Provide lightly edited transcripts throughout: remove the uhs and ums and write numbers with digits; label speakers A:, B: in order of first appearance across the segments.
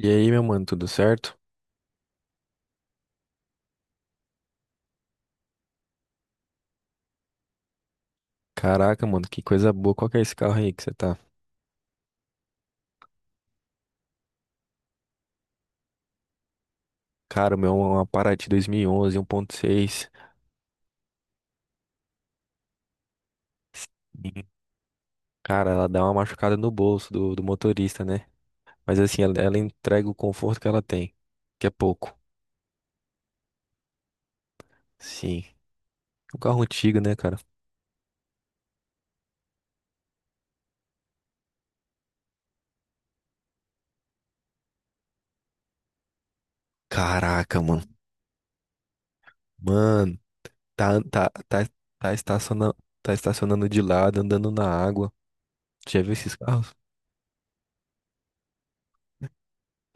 A: E aí, meu mano, tudo certo? Caraca, mano, que coisa boa. Qual que é esse carro aí que você tá? Cara, o meu é uma Parati 2011, 1.6. Sim. Cara, ela dá uma machucada no bolso do motorista, né? Mas assim, ela entrega o conforto que ela tem, que é pouco. Sim. Um carro antigo, né, cara? Caraca, mano. Mano, tá, tá, tá, tá estacionando, tá estacionando de lado, andando na água. Já viu esses carros?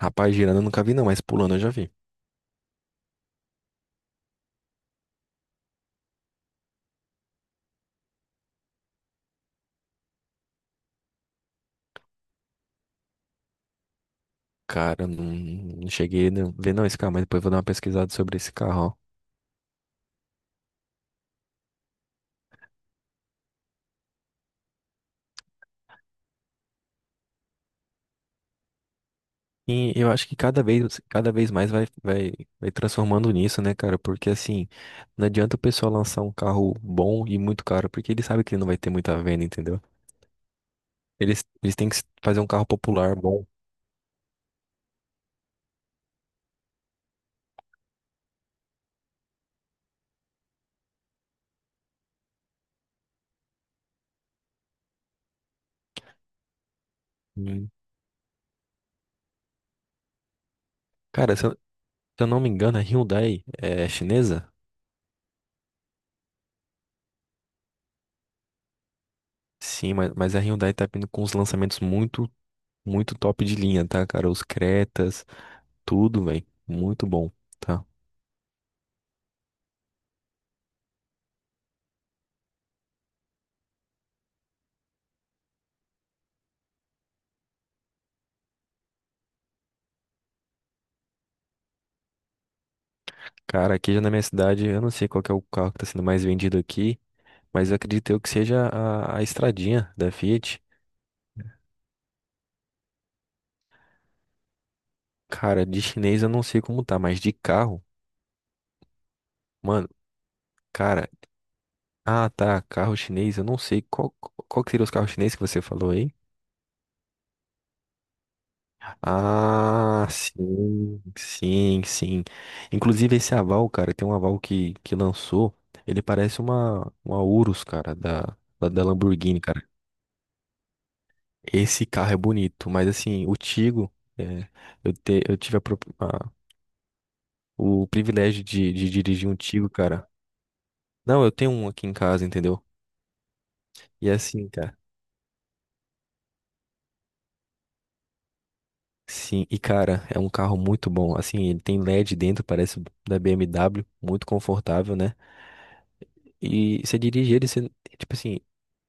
A: Rapaz, girando eu nunca vi não, mas pulando eu já vi. Cara, não, não cheguei a ver não esse carro, mas depois eu vou dar uma pesquisada sobre esse carro, ó. E eu acho que cada vez mais vai transformando nisso, né, cara? Porque assim, não adianta o pessoal lançar um carro bom e muito caro, porque ele sabe que ele não vai ter muita venda, entendeu? Eles têm que fazer um carro popular bom. Hum. Cara, se eu não me engano, a Hyundai é chinesa? Sim, mas a Hyundai tá vindo com uns lançamentos muito, muito top de linha, tá, cara? Os Cretas, tudo, velho. Muito bom. Tá? Cara, aqui já na minha cidade, eu não sei qual que é o carro que tá sendo mais vendido aqui, mas eu acredito eu que seja a estradinha da Fiat. Cara, de chinês eu não sei como tá, mas de carro, mano, cara, ah tá, carro chinês, eu não sei qual que seria os carros chineses que você falou aí. Ah, sim, sim, sim. Inclusive esse aval, cara, tem um aval que lançou, ele parece uma Urus, cara, da Lamborghini, cara. Esse carro é bonito, mas assim, o Tigo, é, eu tive o privilégio de dirigir um Tigo, cara. Não, eu tenho um aqui em casa, entendeu? E é assim, cara. Sim, e cara, é um carro muito bom. Assim, ele tem LED dentro, parece da BMW, muito confortável, né? E você dirige ele, tipo assim,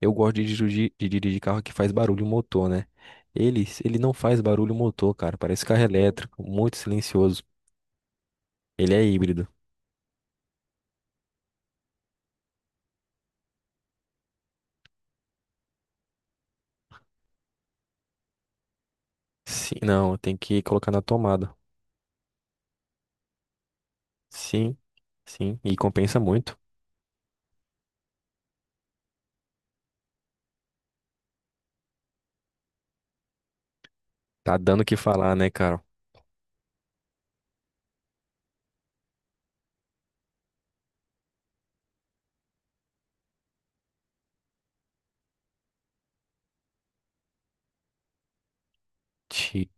A: eu gosto de dirigir carro que faz barulho motor, né? Ele não faz barulho motor, cara. Parece carro elétrico, muito silencioso. Ele é híbrido. Sim, não, tem que colocar na tomada. Sim, sim, e compensa muito. Tá dando o que falar, né, cara? Ti-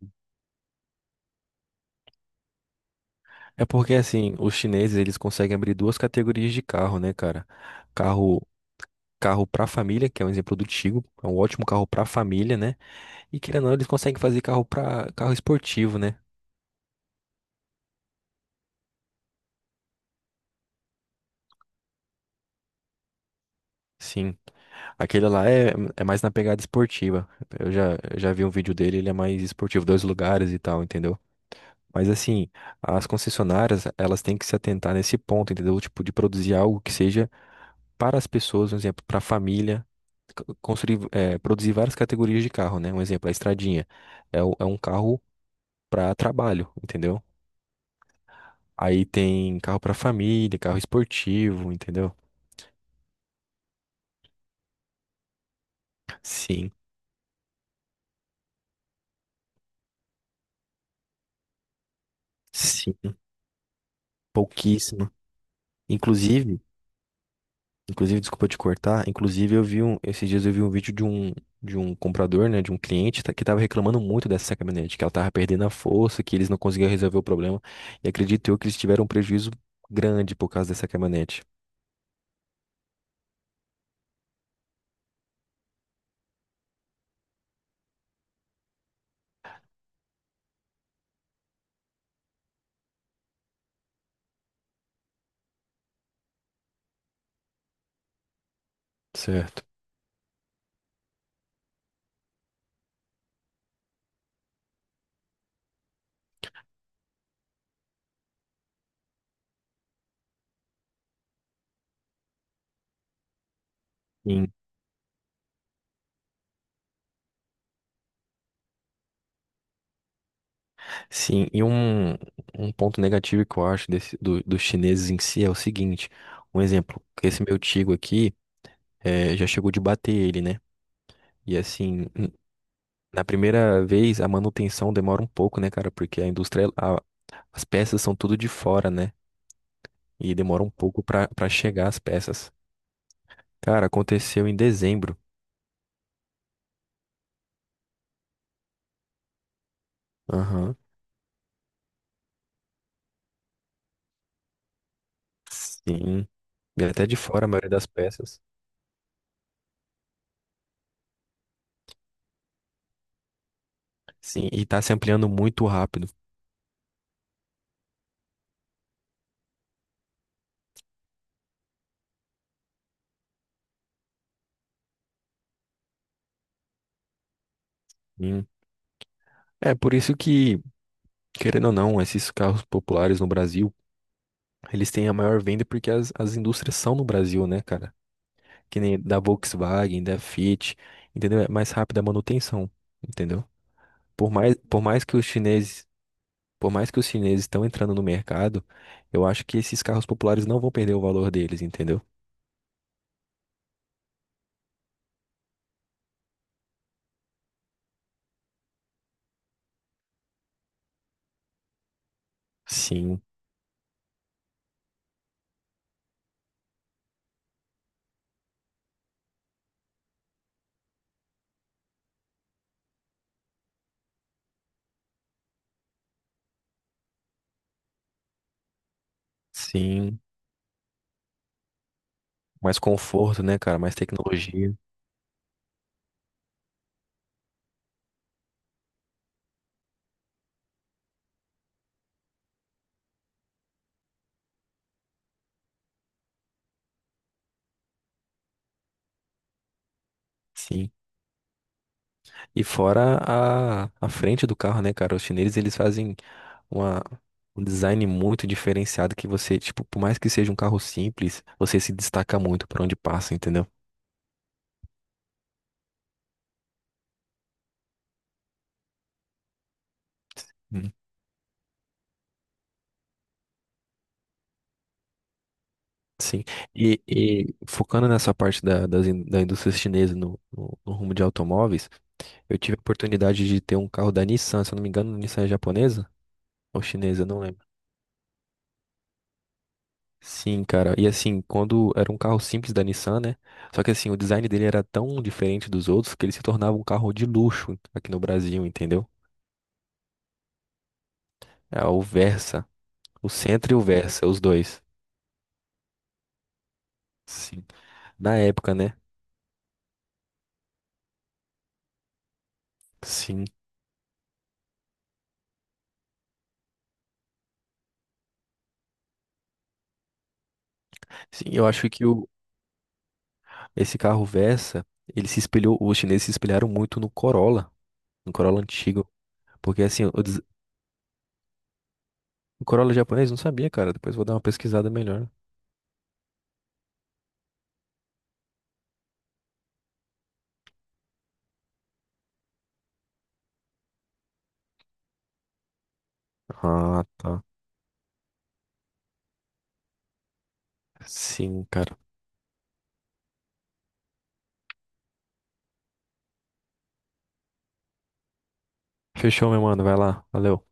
A: É porque assim, os chineses eles conseguem abrir duas categorias de carro, né, cara? Carro, carro para família, que é um exemplo do Tigo, é um ótimo carro para família, né? E querendo ou não, eles conseguem fazer carro para carro esportivo, né? Sim. Aquele lá é mais na pegada esportiva. Eu já vi um vídeo dele, ele é mais esportivo, dois lugares e tal, entendeu? Mas assim, as concessionárias, elas têm que se atentar nesse ponto, entendeu? Tipo, de produzir algo que seja para as pessoas, um exemplo, para a família, produzir várias categorias de carro, né? Um exemplo, a estradinha é um carro para trabalho, entendeu? Aí tem carro para família, carro esportivo, entendeu? Sim, sim, pouquíssimo. Inclusive, Inclusive, desculpa te cortar, inclusive esses dias eu vi um vídeo de um comprador, né, de um cliente que estava reclamando muito dessa caminhonete, que ela estava perdendo a força, que eles não conseguiam resolver o problema, e acredito eu que eles tiveram um prejuízo grande por causa dessa caminhonete. Certo. Sim, sim. E um ponto negativo que eu acho dos chineses em si é o seguinte, um exemplo, esse meu Tigo aqui já chegou de bater ele, né? E assim, na primeira vez a manutenção demora um pouco, né, cara? Porque a indústria, as peças são tudo de fora, né? E demora um pouco pra chegar as peças. Cara, aconteceu em dezembro. Aham. Sim. E até de fora a maioria das peças. Sim, e tá se ampliando muito rápido. Hum. É por isso que, querendo ou não, esses carros populares no Brasil, eles têm a maior venda porque as indústrias são no Brasil, né, cara? Que nem da Volkswagen, da Fiat, entendeu? É mais rápida a manutenção, entendeu? Por mais, por mais que os chineses Por mais que os chineses estão entrando no mercado, eu acho que esses carros populares não vão perder o valor deles, entendeu? Sim, sim. Mais conforto, né, cara? Mais tecnologia, sim. E fora a frente do carro, né, cara? Os chineses, eles fazem uma, um design muito diferenciado que você, tipo, por mais que seja um carro simples, você se destaca muito por onde passa, entendeu? Hum, Sim. E focando nessa parte da indústria chinesa no rumo de automóveis, eu tive a oportunidade de ter um carro da Nissan, se eu não me engano, Nissan é japonesa ou chinesa, eu não lembro. Sim, cara. E assim, quando era um carro simples da Nissan, né? Só que assim, o design dele era tão diferente dos outros que ele se tornava um carro de luxo aqui no Brasil, entendeu? É o Versa, o Sentra e o Versa, os dois. Sim. Na época, né? Sim. Sim, eu acho que o esse carro Versa, ele se espelhou, os chineses se espelharam muito no Corolla, no Corolla antigo, porque assim, o Corolla japonês não sabia, cara. Depois eu vou dar uma pesquisada melhor. Ah, tá. Sim, cara. Fechou, meu mano. Vai lá. Valeu.